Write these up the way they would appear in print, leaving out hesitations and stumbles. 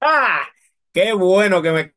¡Ah! ¡Qué bueno que me...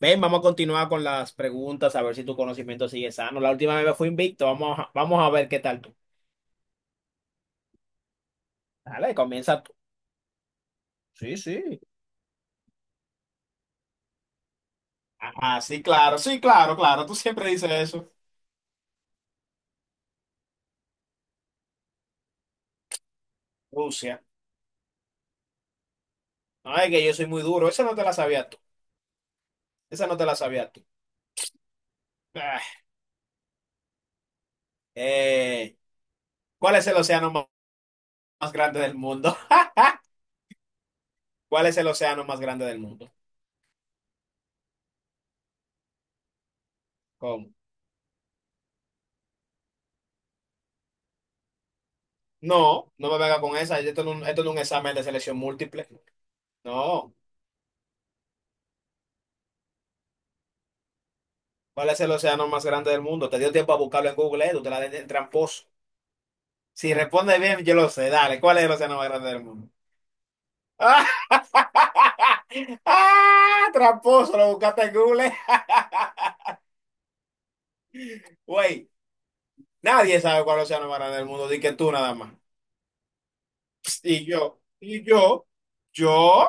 Ven, vamos a continuar con las preguntas, a ver si tu conocimiento sigue sano. La última vez me invicto, vamos a ver qué tal tú. Dale, comienza tú. Sí, sí. Ah, sí, claro, sí, claro, claro, tú siempre dices eso. Rusia. No es que yo soy muy duro, esa no te la sabías tú, esa no te la sabías tú. Ah, eh, ¿cuál es el océano más grande del mundo? ¿Cuál es el océano más grande del mundo? ¿Cómo? No, no me venga con esa, esto no es un examen de selección múltiple. No. ¿Cuál es el océano más grande del mundo? Te dio tiempo a buscarlo en Google, tú te la des el tramposo. Si responde bien, yo lo sé. Dale, ¿cuál es el océano más grande del mundo? ¡Ah! Tramposo, lo buscaste en Google. Güey, nadie sabe cuál es el océano más grande del mundo, di que tú nada más. Y yo, y yo, yo,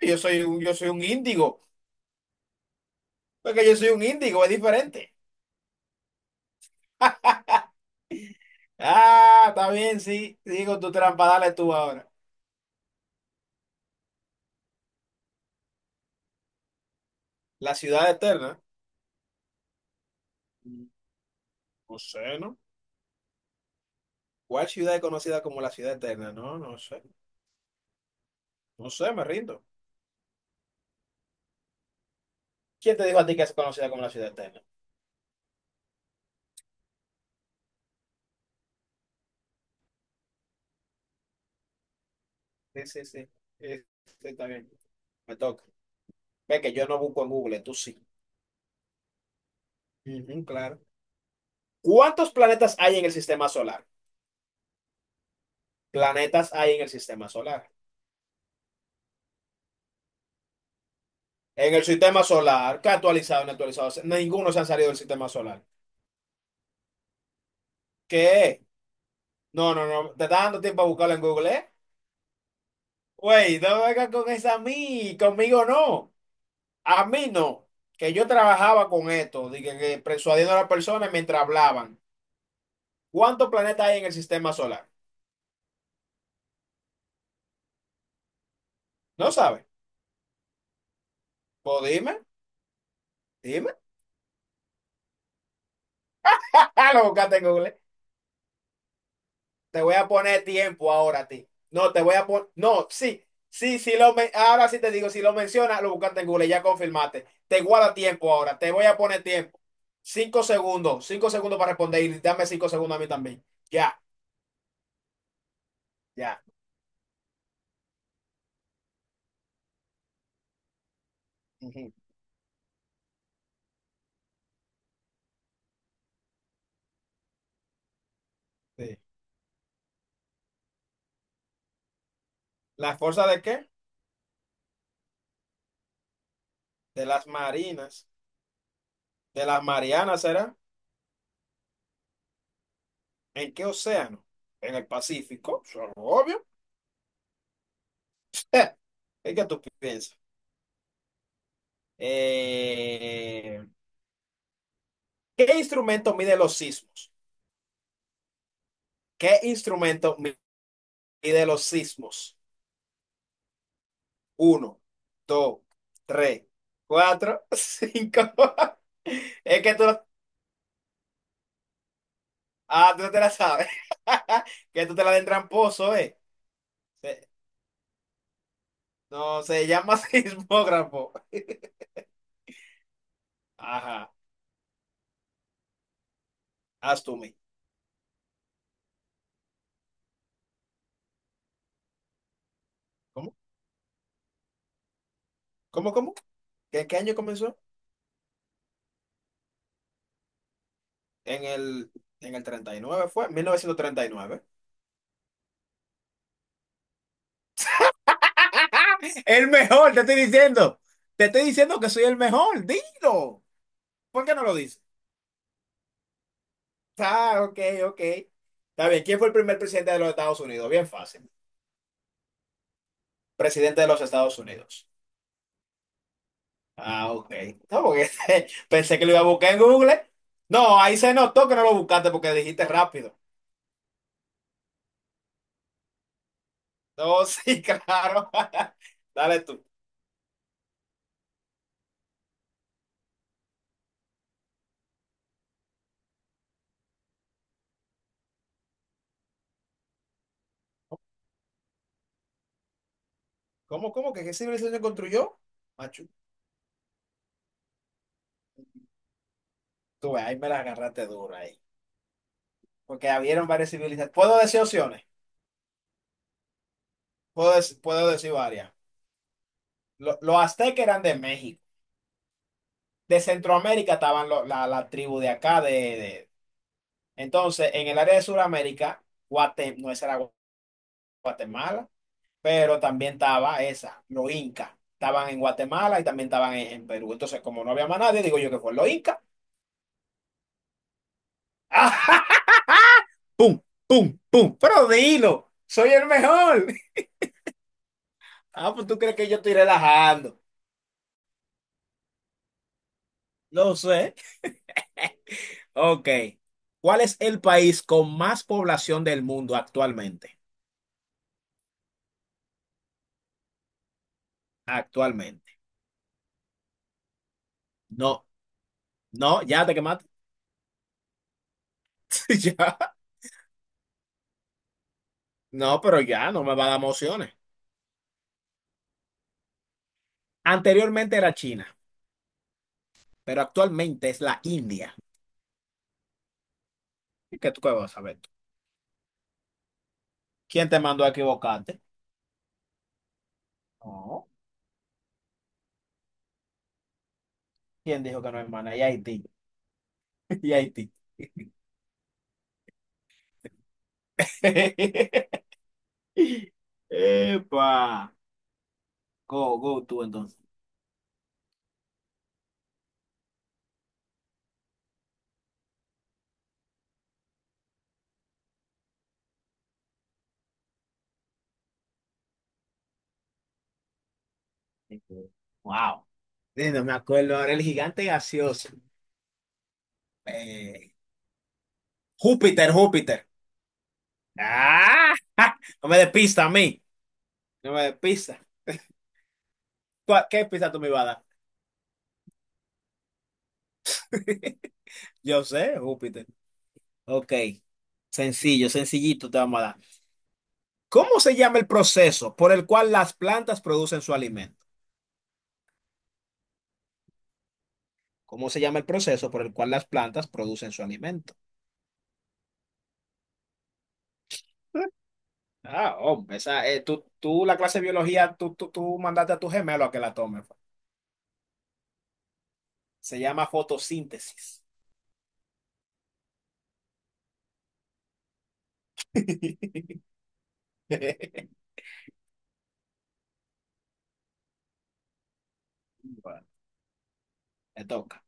yo soy un índigo. Porque yo soy un índigo, es diferente. Ah, está bien, sí. Digo tu trampa, dale tú ahora. La ciudad eterna. No sé, ¿no? ¿Cuál ciudad es conocida como la ciudad eterna? No, no sé. No sé, me rindo. ¿Quién te dijo a ti que es conocida como la ciudad eterna? Sí, sí, sí. Sí, está bien. Me toca. Ve que yo no busco en Google, tú sí. Ujú, claro. ¿Cuántos planetas hay en el sistema solar? Planetas hay en el sistema solar. En el sistema solar, ¿qué actualizado, no actualizado? Ninguno se han salido del sistema solar. ¿Qué? No, no, no. Te está dando tiempo a buscarlo en Google, ¿eh? Güey, no vengas con esa a mí. Conmigo no. A mí no, que yo trabajaba con esto, de que persuadiendo a las personas mientras hablaban. ¿Cuántos planetas hay en el sistema solar? ¿No sabes? Pues dime, dime. Lo buscaste en Google. Te voy a poner tiempo ahora a ti. No, te voy a poner. No, sí, sí. Ahora sí te digo, si lo mencionas, lo buscaste en Google, ya confirmaste. Te guarda tiempo ahora, te voy a poner tiempo. 5 segundos, 5 segundos para responder y dame 5 segundos a mí también. Ya, ya. Ujú, sí. ¿La fuerza de qué? De las marinas. De las Marianas será. ¿En qué océano? En el Pacífico, eso es obvio. ¿Y qué tú piensas? Eh, ¿Qué instrumento mide los sismos? ¿Qué instrumento mide los sismos? Uno, dos, tres, cuatro, cinco. Es que tú no te la sabes. Que tú te la den tramposo, ¿eh? Se- no, se llama sismógrafo. Ajá, haz tú, mi. ¿Cómo? ¿Cómo? ¿Qué año comenzó? En el, en el 39 fue, 1939. El mejor, te estoy diciendo. Te estoy diciendo que soy el mejor. Dilo. ¿Por qué no lo dices? Ah, ok, ok. Está bien, ¿quién fue el primer presidente de los Estados Unidos? Bien fácil. Presidente de los Estados Unidos. Ah, ok. No, porque pensé que lo iba a buscar en Google. No, ahí se notó que no lo buscaste porque dijiste rápido. No, sí, claro. Dale tú. ¿Cómo que qué civilización construyó? Machu. Tú, ves, ahí me la agarraste dura ahí. Porque habieron varias civilizaciones. Puedo decir opciones, puedo decir varias. Los aztecas eran de México, de Centroamérica estaban la tribu de acá. Entonces, en el área de Sudamérica, no esa era Guatemala, pero también estaba esa, los incas. Estaban en Guatemala y también estaban en Perú. Entonces, como no había más nadie, digo yo que fue los incas. ¡Pum! ¡Pum! ¡Pum! Pero dilo, soy el mejor. Ah, pues tú crees que yo estoy relajando. No sé. Ok. ¿Cuál es el país con más población del mundo actualmente? Actualmente. No, no, ya te quemaste. Ya. No, pero ya no me va a dar emociones. Anteriormente era China, pero actualmente es la India. ¿Qué tú qué vas a saber, tú? ¿Quién te mandó a equivocarte? No. ¿Quién dijo que no, hermana? Y Haití. Y Haití. Epa. Go, go tú entonces. Wow. No me acuerdo ahora el gigante gaseoso. Eh, Júpiter, Júpiter. ¡Ah! ja, no me des pista a mí. No me des pista. ¿Tú a- ¿Qué pista tú me ibas a dar? Yo sé, Júpiter. Ok, sencillo, sencillito te vamos a dar. ¿Cómo se llama el proceso por el cual las plantas producen su alimento? ¿Cómo se llama el proceso por el cual las plantas producen su alimento? Ah, hombre, esa, tú la clase de biología, tú mandaste a tu gemelo a que la tome. Fa. Se llama fotosíntesis. Bueno, te toca.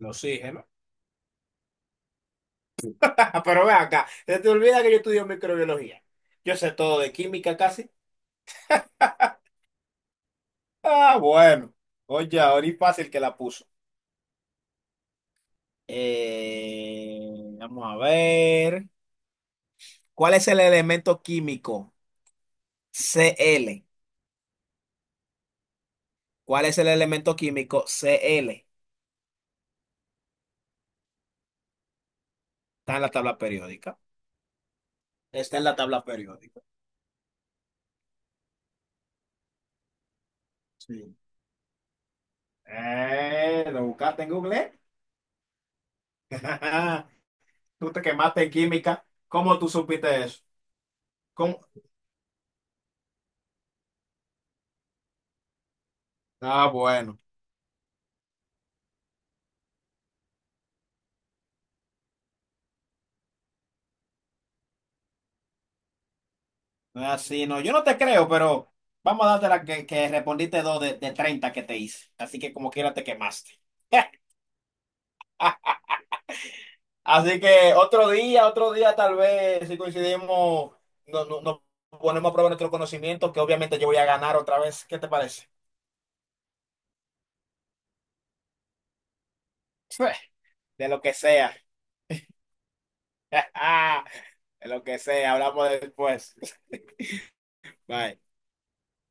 El oxígeno. Ah, pero ve acá, se te olvida que yo estudio microbiología. Yo sé todo de química casi. Ah, bueno. Oye, ahora es fácil que la puso. Vamos a ver. ¿Cuál es el elemento químico? Cl. ¿Cuál es el elemento químico? Cl. Está en la tabla periódica. Está en la tabla periódica. Sí. ¿Lo buscaste en Google? Tú te quemaste en química. ¿Cómo tú supiste eso? ¿Cómo? Ah, bueno. No es así, no. Yo no te creo, pero vamos a darte la que respondiste dos de 30 que te hice. Así que como quiera te quemaste. Así que otro día tal vez, si coincidimos, nos ponemos a prueba nuestro conocimiento, que obviamente yo voy a ganar otra vez. ¿Qué te parece? Sí. De lo que sea. De lo que sea, hablamos después. Bye.